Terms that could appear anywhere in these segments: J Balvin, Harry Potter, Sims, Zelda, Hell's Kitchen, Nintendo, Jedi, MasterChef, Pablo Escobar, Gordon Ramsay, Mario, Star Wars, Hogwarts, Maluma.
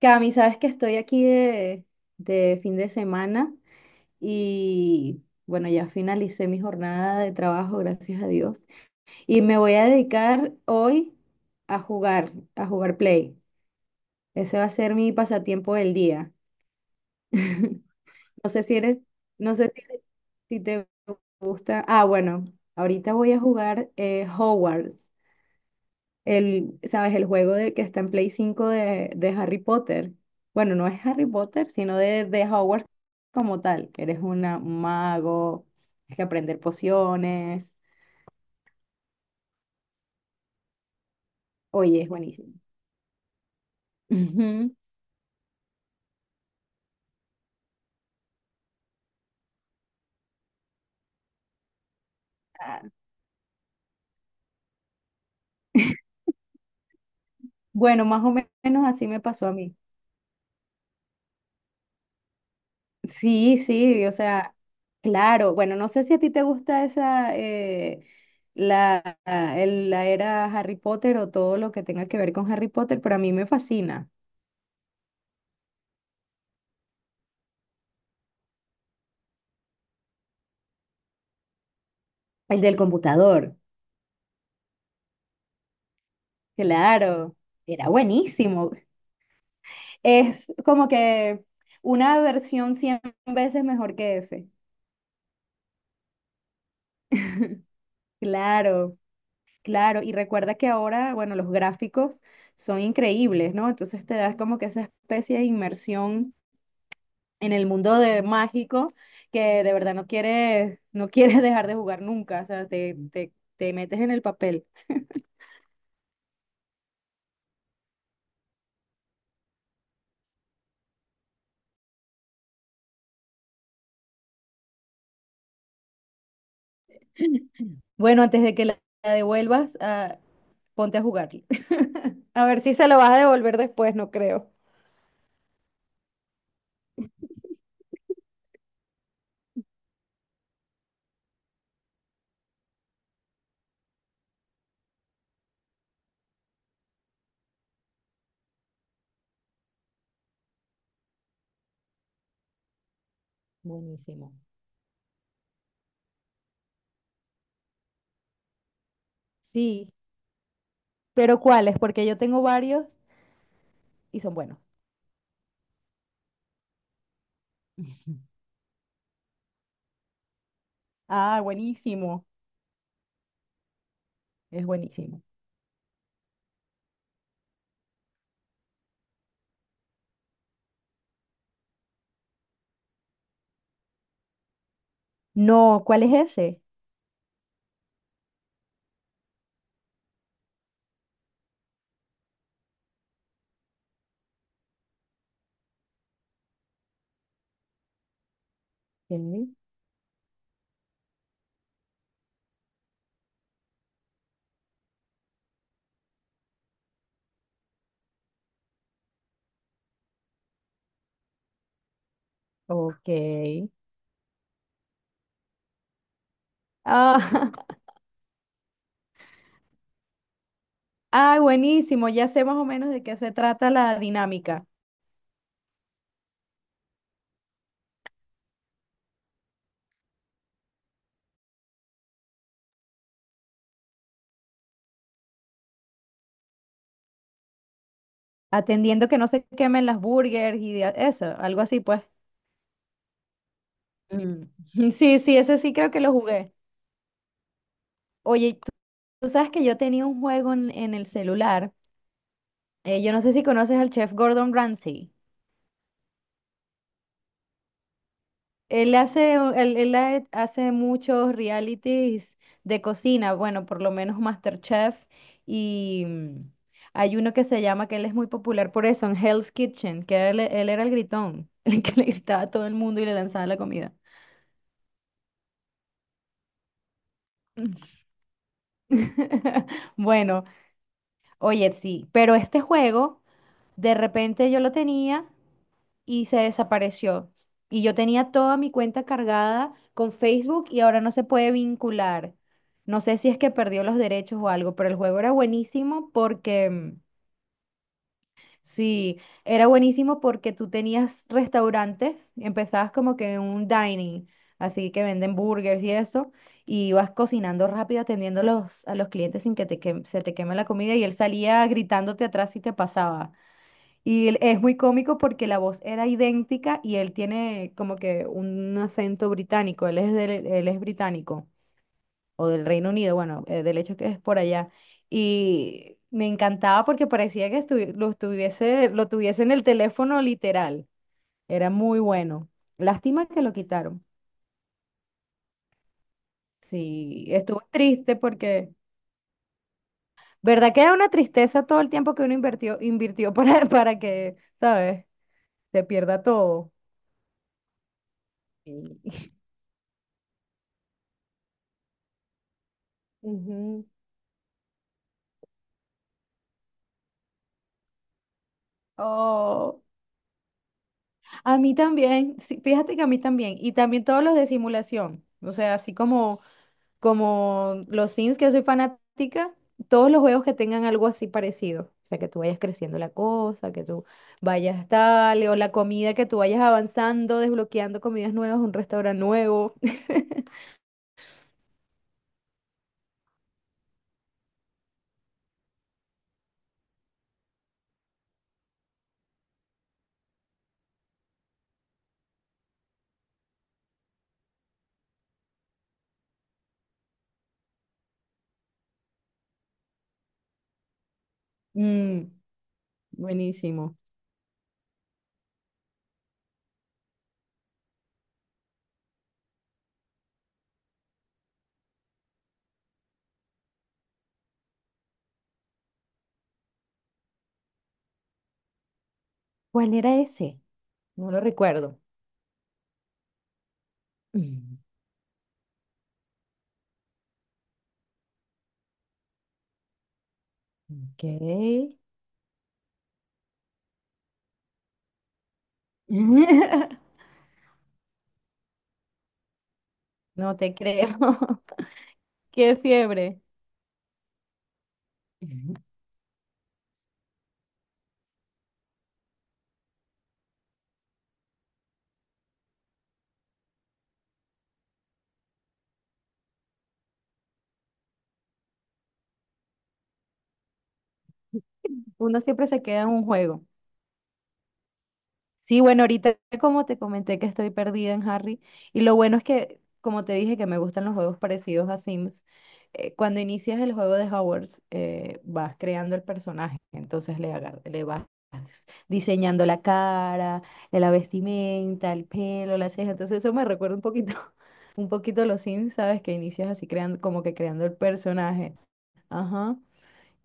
Cami, sabes que estoy aquí de fin de semana y bueno, ya finalicé mi jornada de trabajo, gracias a Dios. Y me voy a dedicar hoy a jugar Play. Ese va a ser mi pasatiempo del día. No sé si eres, no sé si te gusta. Ah, bueno, ahorita voy a jugar Hogwarts. ¿Sabes? El juego que está en Play 5 de Harry Potter. Bueno, no es Harry Potter, sino de Hogwarts como tal, que eres un mago, tienes que aprender pociones. Oye, es buenísimo. Ujú. Ah, bueno, más o menos así me pasó a mí. Sí, sí, o sea, claro. Bueno, no sé si a ti te gusta la, la era Harry Potter o todo lo que tenga que ver con Harry Potter, pero a mí me fascina. El del computador. Claro, era buenísimo. Es como que una versión 100 veces mejor que ese. Claro, claro. Y recuerda que ahora, bueno, los gráficos son increíbles, ¿no? Entonces te das como que esa especie de inmersión en el mundo de mágico que de verdad no quieres dejar de jugar nunca. O sea, te metes en el papel. Bueno, antes de que la devuelvas, ponte a jugarlo. A ver si se lo vas a devolver después, no creo. Buenísimo. Sí, pero ¿cuáles? Porque yo tengo varios y son buenos. Ah, buenísimo. Es buenísimo. No, ¿cuál es ese? Sí, ok. Ah, ah, buenísimo. Ya sé más o menos de qué se trata la dinámica. Atendiendo que no se quemen las burgers y eso, algo así, pues. Mm. Sí, sí, ese sí creo que lo jugué. Oye, tú sabes que yo tenía un juego en el celular. Yo no sé si conoces al chef Gordon Ramsay. Él hace muchos realities de cocina, bueno, por lo menos MasterChef, y hay uno que se llama, que él es muy popular por eso, en Hell's Kitchen, que él era el gritón, el que le gritaba a todo el mundo y le lanzaba la comida. Bueno, oye, sí, pero este juego, de repente yo lo tenía, y se desapareció. Y yo tenía toda mi cuenta cargada con Facebook y ahora no se puede vincular. No sé si es que perdió los derechos o algo, pero el juego era buenísimo porque, sí, era buenísimo porque tú tenías restaurantes, empezabas como que en un dining, así que venden burgers y eso, y ibas cocinando rápido, atendiendo a los, clientes sin que, se te queme la comida y él salía gritándote atrás si te pasaba. Y es muy cómico porque la voz era idéntica y él tiene como que un acento británico, él es británico o del Reino Unido, bueno, del hecho que es por allá. Y me encantaba porque parecía que lo tuviese en el teléfono literal, era muy bueno. Lástima que lo quitaron. Sí, estuvo triste porque, ¿verdad que era una tristeza todo el tiempo que uno invirtió para, para que, ¿sabes? Se pierda todo. Sí. Ujú. Oh, a mí también, sí, fíjate que a mí también, y también todos los de simulación, o sea, así como los Sims, que yo soy fanática, todos los juegos que tengan algo así parecido, o sea, que tú vayas creciendo la cosa, que tú vayas tal, o la comida, que tú vayas avanzando, desbloqueando comidas nuevas, un restaurante nuevo. Mm, Buenísimo. ¿Cuál era ese? No lo recuerdo. Mm, Ok. No te creo. Qué fiebre. Uno siempre se queda en un juego. Sí, bueno, ahorita como te comenté que estoy perdida en Harry, y lo bueno es que, como te dije, que me gustan los juegos parecidos a Sims, cuando inicias el juego de Hogwarts, vas creando el personaje, entonces le vas diseñando la cara, la vestimenta, el pelo, las cejas, entonces eso me recuerda un poquito, un poquito a los Sims, ¿sabes? Que inicias así creando, como que creando el personaje. Ajá.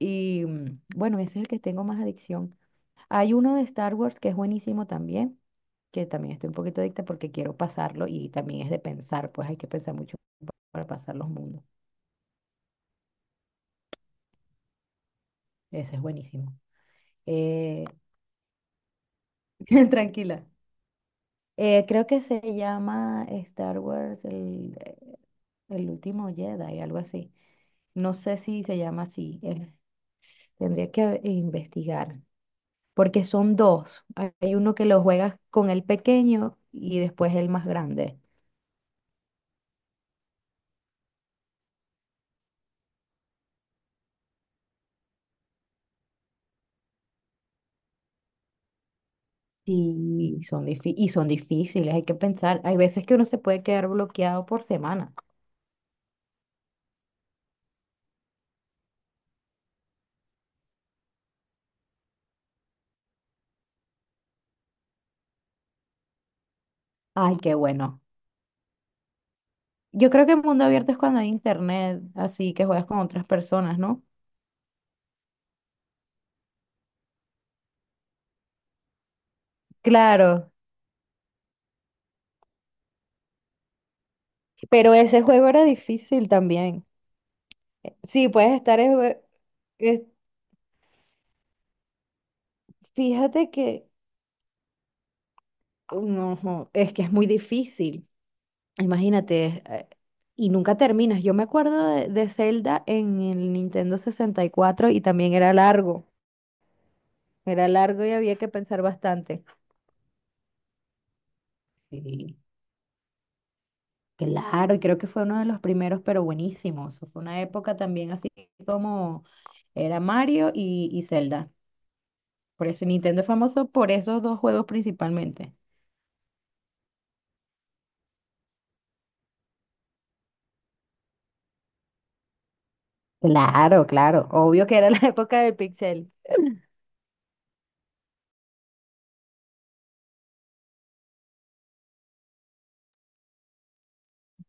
Y bueno, ese es el que tengo más adicción. Hay uno de Star Wars que es buenísimo también, que también estoy un poquito adicta porque quiero pasarlo y también es de pensar, pues hay que pensar mucho para pasar los mundos. Ese es buenísimo. Eh, tranquila. Creo que se llama Star Wars el, último Jedi, algo así. No sé si se llama así. Tendría que investigar, porque son dos. Hay uno que lo juegas con el pequeño y después el más grande. Y son difíciles, hay que pensar. Hay veces que uno se puede quedar bloqueado por semana. Ay, qué bueno. Yo creo que el mundo abierto es cuando hay internet, así que juegas con otras personas, ¿no? Claro, pero ese juego era difícil también. Sí, puedes estar en. es- Fíjate que. No, jo, es que es muy difícil. Imagínate, y nunca terminas. Yo me acuerdo de Zelda en el Nintendo 64 y también era largo. Era largo y había que pensar bastante. Sí, claro, y creo que fue uno de los primeros, pero buenísimo. Eso fue una época también así como era Mario y Zelda. Por eso Nintendo es famoso por esos dos juegos principalmente. Claro, claro. Obvio que era la época del pixel.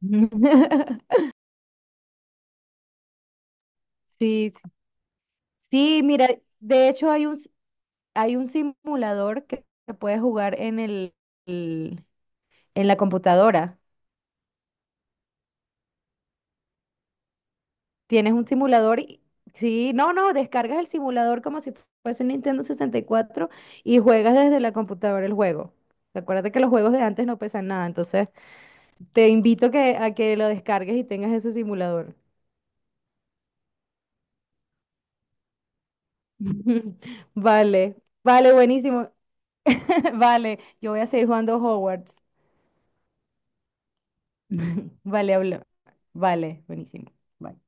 Sí, sí, sí, mira, de hecho hay un simulador que puedes jugar en el- en la computadora. Tienes un simulador y sí, no, no, descargas el simulador como si fuese un Nintendo 64 y juegas desde la computadora el juego. Acuérdate que los juegos de antes no pesan nada, entonces te invito a que lo descargues y tengas ese simulador. Vale, vale, buenísimo. Vale, yo voy a seguir jugando Hogwarts. Vale, habla. Vale, buenísimo. Bye.